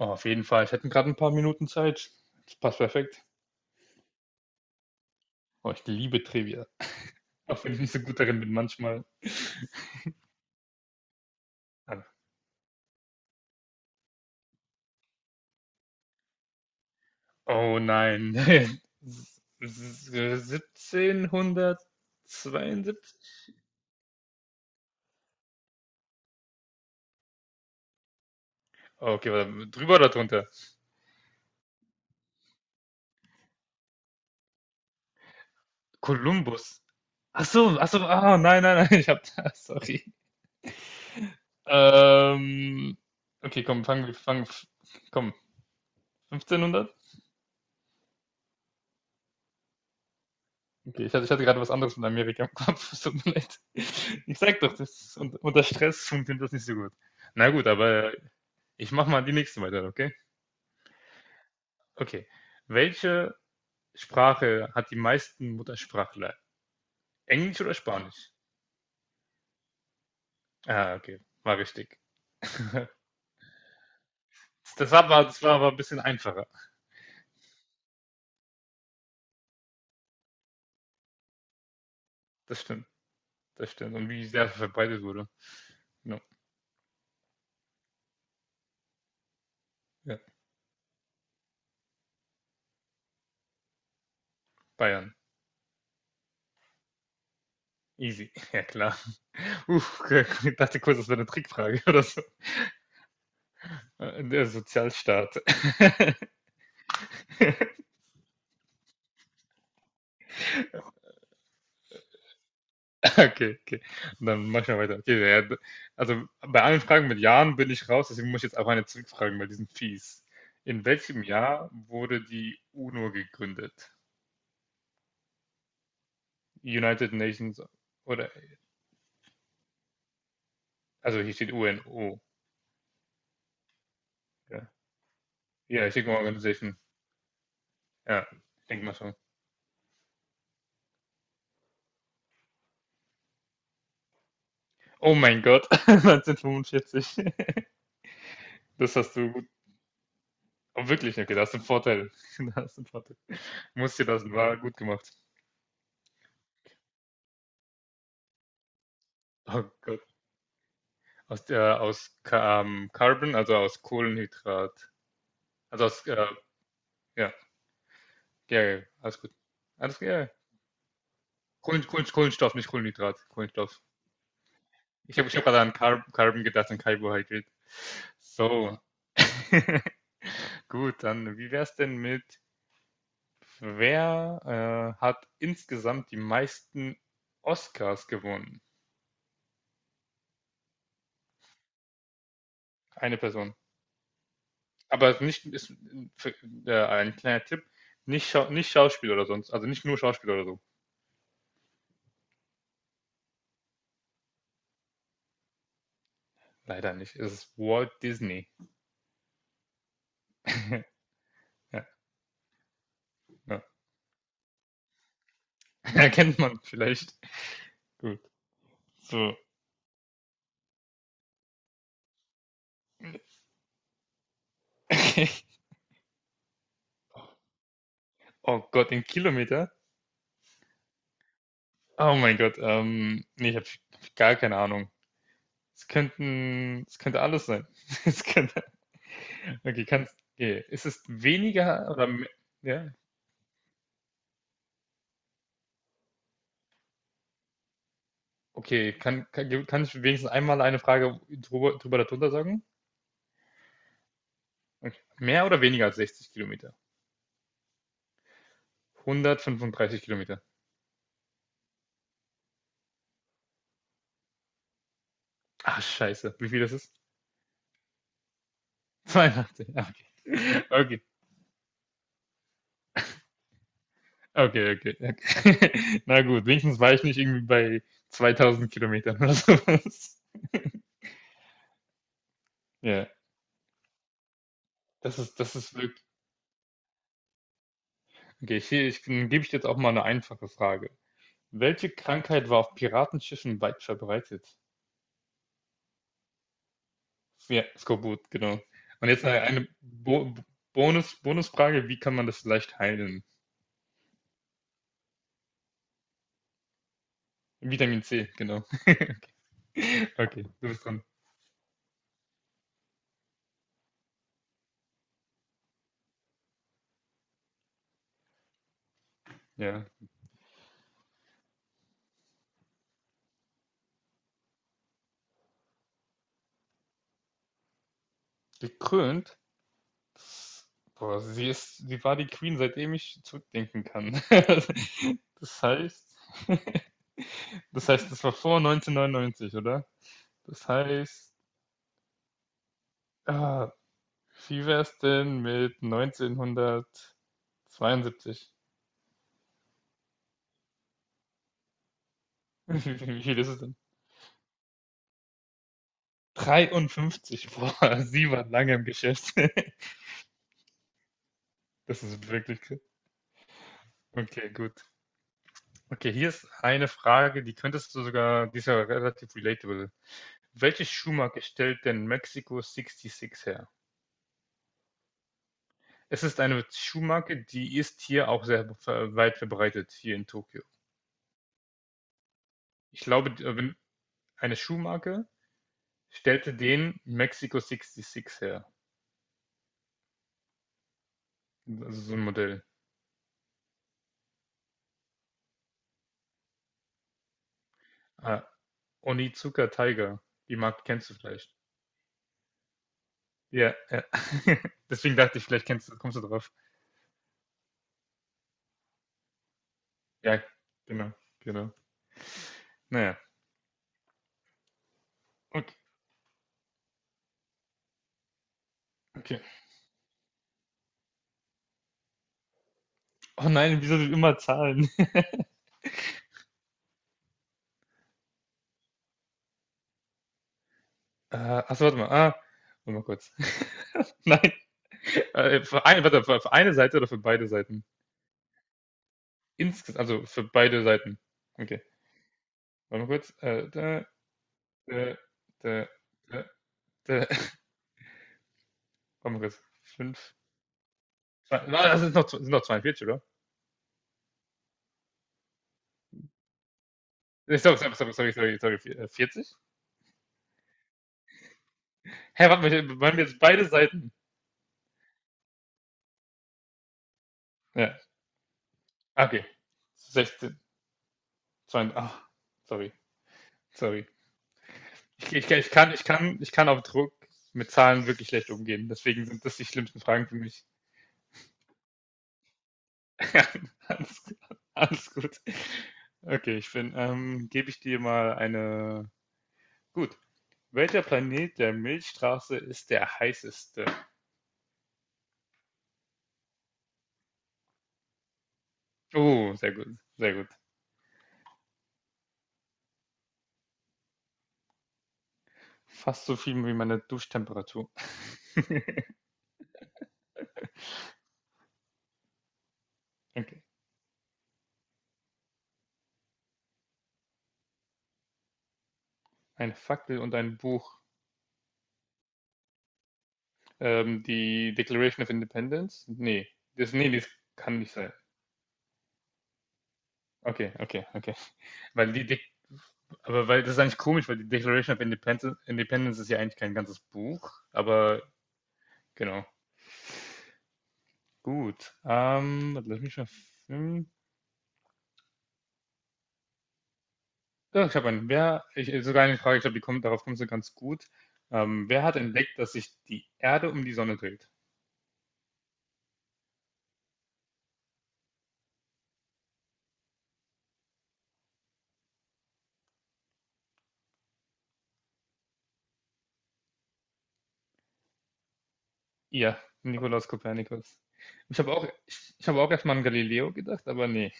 Oh, auf jeden Fall. Ich hätte gerade ein paar Minuten Zeit. Das passt perfekt. Oh, ich liebe Trivia. Auch wenn ich nicht so gut darin bin manchmal. Ah. Oh nein. 1772? Okay, warte, drüber oder drunter? Kolumbus. Ach so, nein, nein, nein, ich hab da, sorry. Ähm, okay, komm, komm, 1500? Okay, ich hatte gerade was anderes von Amerika im Kopf. Es tut mir leid. Ich sag doch, das ist, unter Stress funktioniert das nicht so gut. Na gut, aber ich mach mal die nächste weiter, okay? Okay. Welche Sprache hat die meisten Muttersprachler? Englisch oder Spanisch? Okay, war richtig. Das war aber ein bisschen einfacher. Das stimmt, das stimmt. Und wie sehr verbreitet wurde. No. Ja. Bayern. Easy. Ja, klar. Uff, ich dachte kurz, das wäre eine Trickfrage oder so. Der Sozialstaat. Okay, okay. Dann mach ich mal weiter. Okay, ja, also bei allen Fragen mit Jahren bin ich raus, deswegen muss ich jetzt auch eine zurückfragen, weil die sind fies. In welchem Jahr wurde die UNO gegründet? United Nations oder, also hier steht UNO. Ja, ja hier steht Organization. Ja, ich denke mal schon. Oh mein Gott, 1945. Das hast du gut. Oh, wirklich, okay, da hast du einen Vorteil. Da hast du einen Vorteil. Muss dir das war gut gemacht. Oh Gott. Aus Carbon, also aus Kohlenhydrat. Also aus, ja, ja, ja, alles gut. Alles, ja. Kohlenstoff, nicht Kohlenhydrat, Kohlenstoff. Ich hab gerade an Carbon gedacht, an Carbohydrate. So. Gut, dann wie wär's denn mit, wer hat insgesamt die meisten Oscars gewonnen? Eine Person. Aber nicht, ist, ein kleiner Tipp, nicht, Schau nicht Schauspiel oder sonst, also nicht nur Schauspiel oder so. Leider nicht. Es ist Walt Disney. Ja, ja. Erkennt man vielleicht. Gut. So. Oh Gott, in Kilometer? Oh mein Gott. Nee, ich hab gar keine Ahnung. Es könnte alles sein. Es könnte. Okay, kannst. Okay. Ist es weniger oder mehr? Ja. Okay, kann ich wenigstens einmal eine Frage drüber darunter sagen? Okay. Mehr oder weniger als 60 Kilometer? 135 Kilometer. Ah, scheiße. Wie viel das ist? Weihnachten, ja, okay. Okay, okay, okay. Okay. Na gut, wenigstens war ich nicht irgendwie bei 2000 Kilometern oder sowas. Ja, das ist wirklich. Okay, dann gebe ich jetzt auch mal eine einfache Frage. Welche Krankheit war auf Piratenschiffen weit verbreitet? Ja, Skorbut, genau. Und jetzt eine Bonusfrage, wie kann man das leicht heilen? Vitamin C, genau. Okay, du bist dran. Ja. Gekrönt. Das, boah, sie war die Queen, seitdem ich zurückdenken kann. Das heißt, das war vor 1999, oder? Das heißt, ah, wie wäre es denn mit 1972? Wie viel ist es denn? 53, boah, sie war lange im Geschäft. Das ist wirklich krass. Okay, gut. Okay, hier ist eine Frage, die könntest du sogar, die ist ja relativ relatable. Welche Schuhmarke stellt denn Mexico sixty her? Es ist eine Schuhmarke, die ist hier auch sehr weit verbreitet, hier in Tokio. Ich glaube, wenn eine Schuhmarke stellte den Mexico 66 her. Also so ein Modell. Ah, Onizuka Tiger. Die Marke kennst du vielleicht. Ja, ja. Deswegen dachte ich, vielleicht kennst du, kommst du drauf. Ja, genau, genau. Naja, okay. Okay. Oh nein, wieso sind immer Zahlen? Äh, achso, warte mal. Ah, warte mal kurz. Nein. Warte, für eine Seite oder für beide Seiten? Insges also für beide Seiten. Okay. Warte mal kurz. Da, da, da, da, da. Warte mal kurz. Fünf. Zwei, na, das sind noch, 42 oder? Nee, Sorry, sorry, sorry, sorry, sorry, sorry. 40? Hä, warte mal, waren wir jetzt beide Seiten? Ja. Ah, okay. 16. 20. Ah, sorry, sorry. Ich kann auf Druck mit Zahlen wirklich schlecht umgehen. Deswegen sind das die schlimmsten Fragen für mich. alles, alles gut. Okay, gebe ich dir mal eine. Gut. Welcher Planet der Milchstraße ist der heißeste? Oh, sehr gut, sehr gut. Fast so viel wie meine Duschtemperatur. Okay. Eine Fackel und ein Buch. Die Declaration of Independence? Nee. Das, nee, das kann nicht sein. Okay, okay, okay. Weil die Aber weil das ist eigentlich komisch, weil die Declaration of Independence ist ja eigentlich kein ganzes Buch, aber genau. Gut. Warte, lass mich mal. Hm. Ja, ich habe einen. Sogar eine Frage, ich glaube, darauf kommst du ganz gut. Wer hat entdeckt, dass sich die Erde um die Sonne dreht? Ihr, Nikolaus Kopernikus. Ich habe auch erstmal an Galileo gedacht, aber nee.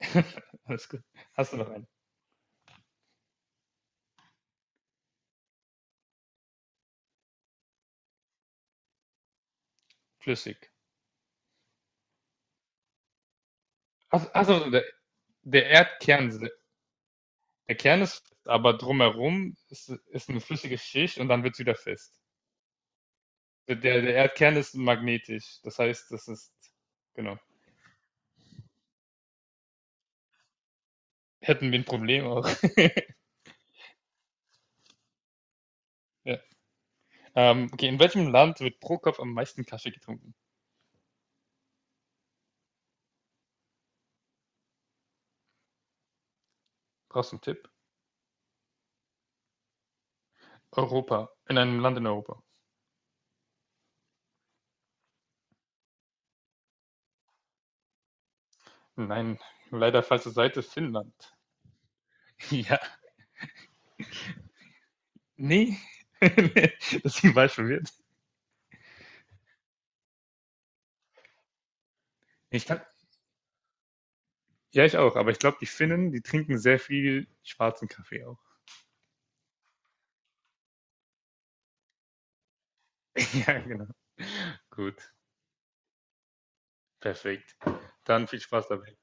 Alles gut. Hast du noch einen? Flüssig. Achso, der Erdkern. Der Kern ist fest, aber drumherum ist eine flüssige Schicht und dann wird es wieder fest. Der Erdkern ist magnetisch, das heißt, genau, hätten wir ein Problem auch. Ja. Okay, in welchem Land wird pro Kopf am meisten Kaffee getrunken? Brauchst du einen Tipp? Europa, in einem Land in Europa. Nein, leider falsche Seite, Finnland. Ja, nee, das war ich verwirrt. Ich kann, ja, ich auch, aber ich glaube, die Finnen, die trinken sehr viel schwarzen Kaffee auch. Ja, genau. Gut. Perfekt. Dann viel Spaß dabei. Ja.